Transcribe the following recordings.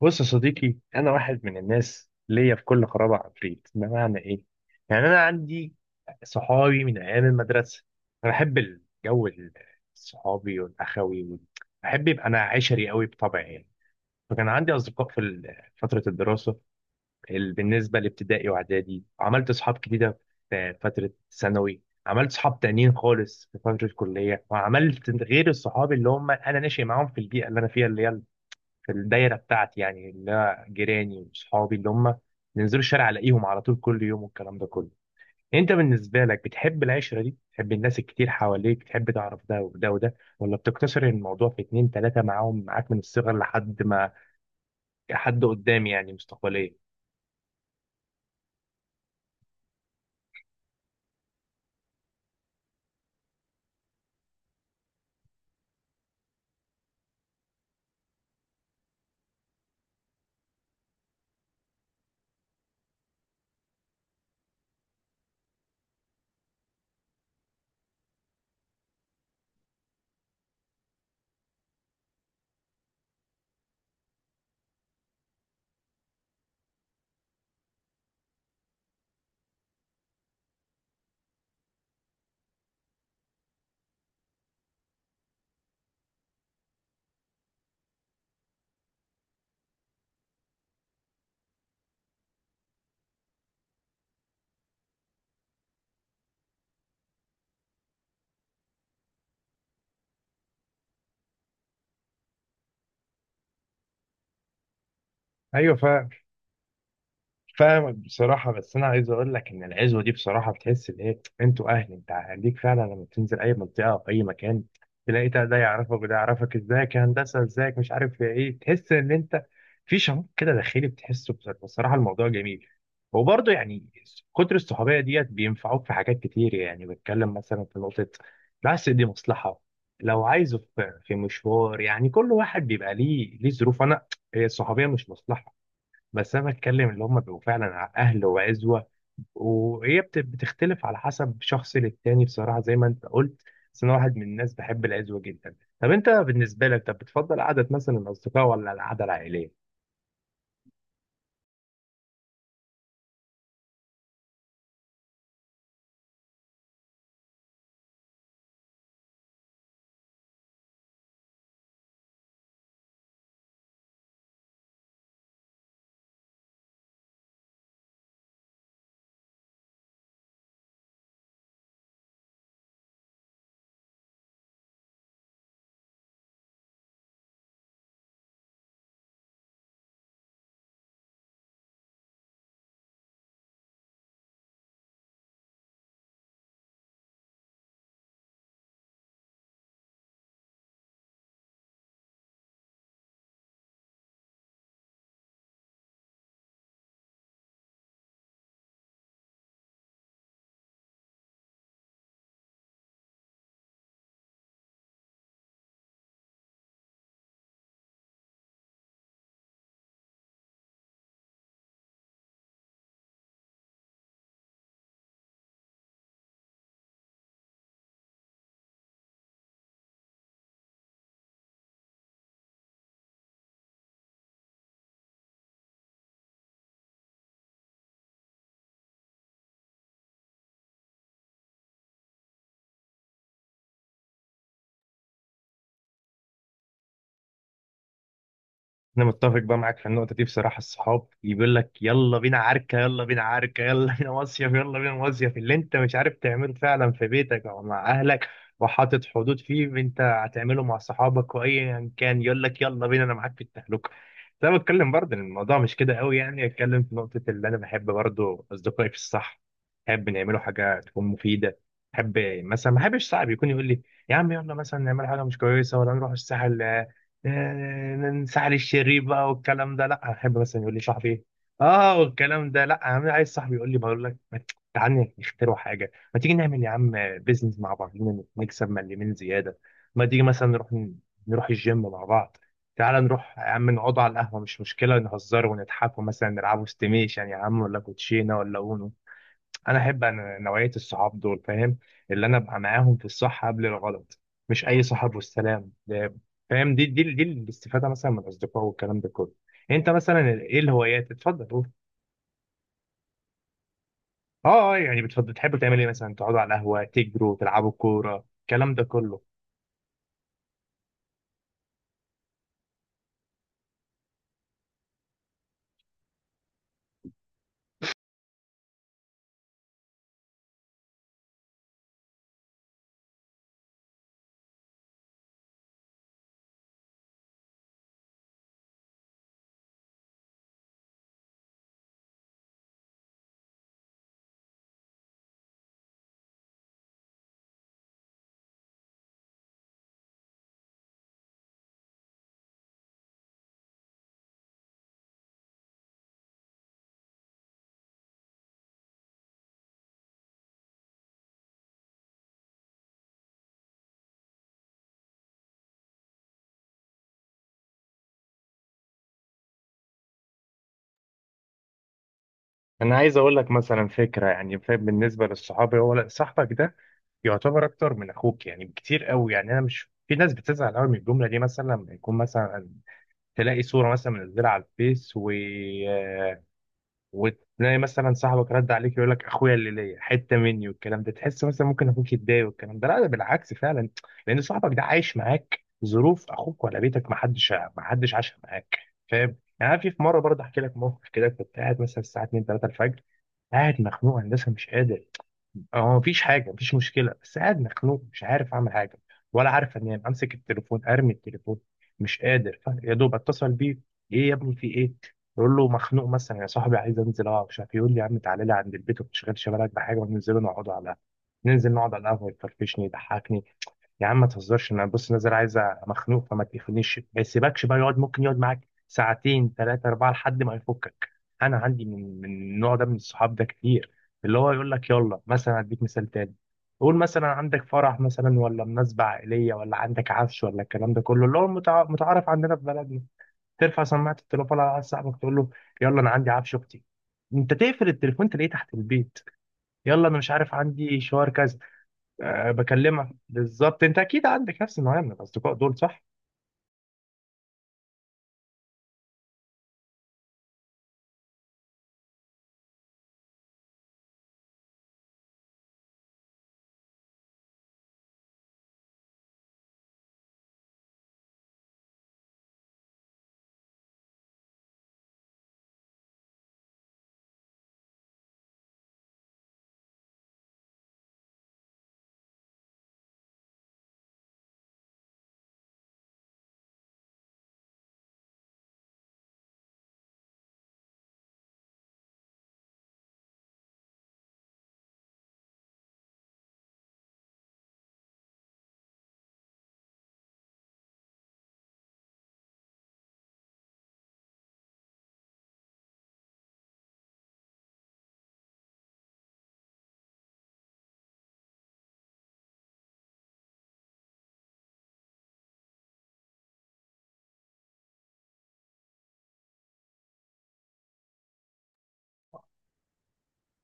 بص يا صديقي، انا واحد من الناس ليا في كل خرابه عفريت. بمعنى ايه؟ يعني انا عندي صحابي من ايام المدرسه. انا بحب الجو الصحابي والاخوي بحب يبقى انا عشري قوي بطبعي يعني. فكان عندي اصدقاء في فتره الدراسه، بالنسبه لابتدائي واعدادي عملت اصحاب جديده. في فتره ثانوي عملت صحاب تانيين خالص. في فتره الكليه وعملت غير الصحاب اللي هم انا ناشئ معاهم في البيئه اللي انا فيها، اللي هي في الدايره بتاعتي، يعني اللي هو جيراني وصحابي اللي هم ننزلوا الشارع الاقيهم على طول كل يوم والكلام ده كله. انت بالنسبه لك بتحب العشره دي؟ بتحب الناس الكتير حواليك؟ بتحب تعرف ده وده وده، ولا بتقتصر الموضوع في اتنين تلاته معاهم معاك من الصغر لحد ما حد قدام يعني مستقبليا؟ ايوه، فاهمك بصراحة. بس أنا عايز أقول لك إن العزوة دي بصراحة بتحس إن إيه، أنتوا أهل. أنت هديك فعلا لما تنزل أي منطقة أو أي مكان، تلاقي ده ده يعرفك وده يعرفك، إزيك يا هندسة، إزيك مش عارف يا إيه. تحس إن أنت في شعور كده داخلي بتحسه بصراحة، بصراحة الموضوع جميل. وبرضه يعني كتر الصحوبية ديت بينفعوك في حاجات كتير. يعني بتكلم مثلا في نقطة، بس دي مصلحة، لو عايزه في مشوار، يعني كل واحد بيبقى ليه ظروف. أنا، هي الصحوبية مش مصلحة، بس انا بتكلم اللي هم بيبقوا فعلا اهل وعزوه. وهي بتختلف على حسب شخص للتاني بصراحه، زي ما انت قلت. بس انا واحد من الناس بحب العزوه جدا. طب انت بالنسبه لك، طب بتفضل قعده مثلا الاصدقاء ولا القعده العائليه؟ انا متفق بقى معاك في النقطه دي بصراحه. الصحاب اللي بيقول لك يلا بينا عركه، يلا بينا عركه، يلا بينا مصيف، يلا بينا مصيف، اللي انت مش عارف تعمله فعلا في بيتك او مع اهلك وحاطط حدود فيه، انت هتعمله مع صحابك. وايا كان يقول لك يلا بينا، انا معاك في التهلكه. بس انا بتكلم برضه ان الموضوع مش كده قوي، يعني اتكلم في نقطه، اللي انا بحب برضه اصدقائي في الصح، بحب نعمله حاجه تكون مفيده. بحب مثلا، ما بحبش صاحب يكون يقول لي يا عم يلا مثلا نعمل حاجه مش كويسه، ولا نروح الساحل، آه، نسحل الشرير بقى والكلام ده. لا، احب مثلا يقول لي صاحبي ايه، اه والكلام ده. لا يا عم، عايز صاحبي يقول لي، بقول لك ما تعالى نخترع حاجه، ما تيجي نعمل يا عم بيزنس مع بعضينا نكسب من اليمين زياده، ما تيجي مثلا نروح نروح الجيم مع بعض، تعالى نروح يا عم نقعد على القهوه، مش مشكله نهزر ونضحك ومثلا نلعبوا استيميشن يا عم، ولا كوتشينه، ولا اونو. انا احب أنا نوعيه الصحاب دول، فاهم؟ اللي انا ابقى معاهم في الصح قبل الغلط، مش اي صاحب والسلام ده. فاهم؟ دي الاستفاده مثلا من الاصدقاء والكلام ده كله. انت مثلا ايه الهوايات؟ اتفضل قول. اه، اه، يعني بتفضل تحبوا تعملوا ايه مثلا؟ تقعدوا على القهوه، تجروا، تلعبوا كوره، الكلام ده كله. انا عايز اقول لك مثلا فكره، يعني فاهم، بالنسبه للصحاب، هو لا، صاحبك ده يعتبر اكتر من اخوك يعني بكتير قوي. يعني انا مش، في ناس بتزعل قوي من الجمله دي، مثلا لما يكون مثلا تلاقي صورة مثلا منزلها على الفيس آه، وتلاقي مثلا صاحبك رد عليك يقول لك اخويا اللي ليا حتة مني والكلام ده، تحس مثلا ممكن اخوك يتضايق والكلام ده. لا، ده بالعكس فعلا، لان صاحبك ده عايش معاك ظروف اخوك، ولا بيتك ما حدش عاش معاك. فاهم؟ يعني أنا في مرة برضه احكي لك موقف كده. كنت قاعد مثلا الساعة 2 3 الفجر، قاعد مخنوق هندسة مش قادر. هو مفيش حاجه، مفيش مشكله، بس قاعد مخنوق مش عارف اعمل حاجه، ولا عارف انام، امسك التليفون ارمي التليفون، مش قادر. يا دوب اتصل بيه، ايه يا ابني في ايه؟ يقول له مخنوق مثلا يا صاحبي، عايز انزل اقعد مش عارف إيه." يقول لي يا عم تعالى لي عند البيت وما تشغلش بالك بحاجه، وننزل نقعد على القهوه. ننزل نقعد على القهوه، يفرفشني، يضحكني. يا عم ما تهزرش، انا بص نازل عايز، مخنوق. فما تقفلنيش. ما يسيبكش بقى، يقعد، ممكن يقعد معاك ساعتين ثلاثة أربعة لحد ما يفكك. أنا عندي من النوع ده من الصحاب ده كتير. اللي هو يقول لك يلا مثلا، أديك مثال تاني، قول مثلا عندك فرح مثلا، ولا مناسبة عائلية، ولا عندك عفش، ولا الكلام ده كله اللي هو متعارف عندنا في بلدنا. ترفع سماعة التليفون على واحد صاحبك تقول له يلا أنا عندي عفش أختي، أنت تقفل التليفون تلاقيه تحت البيت. يلا أنا مش عارف عندي شوار كذا. أه بكلمك بالظبط، انت اكيد عندك نفس النوعيه من الاصدقاء دول، صح؟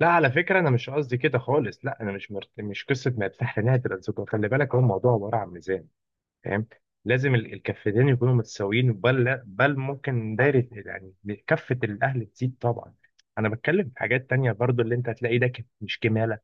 لا على فكره انا مش قصدي كده خالص، لا انا مش قصه ما يفتح لنهايه الاصدقاء. خلي بالك، هو الموضوع عباره عن ميزان، فاهم؟ لازم الكفتين يكونوا متساويين، بل بل ممكن دايره، يعني كفه الاهل تزيد طبعا. انا بتكلم في حاجات تانية برضو اللي انت هتلاقي ده مش كماله.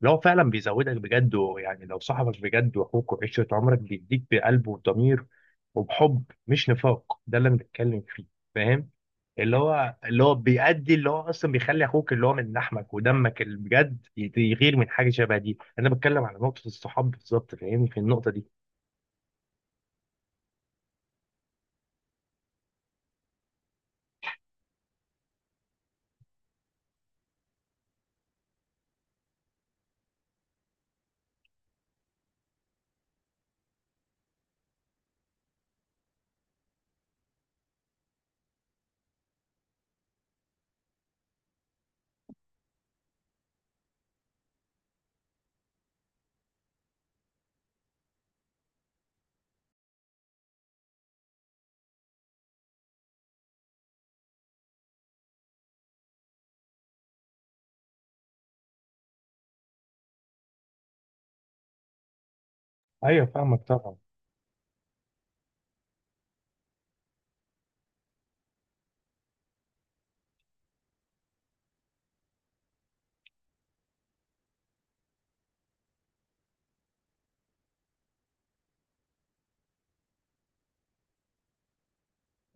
لو فعلا بيزودك بجد، ويعني لو صاحبك بجد واخوك وعشره عمرك بيديك بقلب وضمير وبحب مش نفاق، ده اللي أنا بتكلم فيه، فاهم؟ اللي هو، اللي هو بيأدي، اللي هو اصلا بيخلي اخوك اللي هو من لحمك ودمك اللي بجد يغير من حاجه شبه دي. انا بتكلم على نقطه الصحاب بالظبط، فاهمني في النقطه دي؟ ايوه، فاهمك طبعا.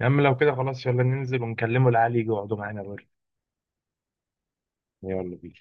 يا عم لو كده خلاص، يلا ننزل ونكلمه العالي يجي يقعدوا معانا بره. يلا بينا.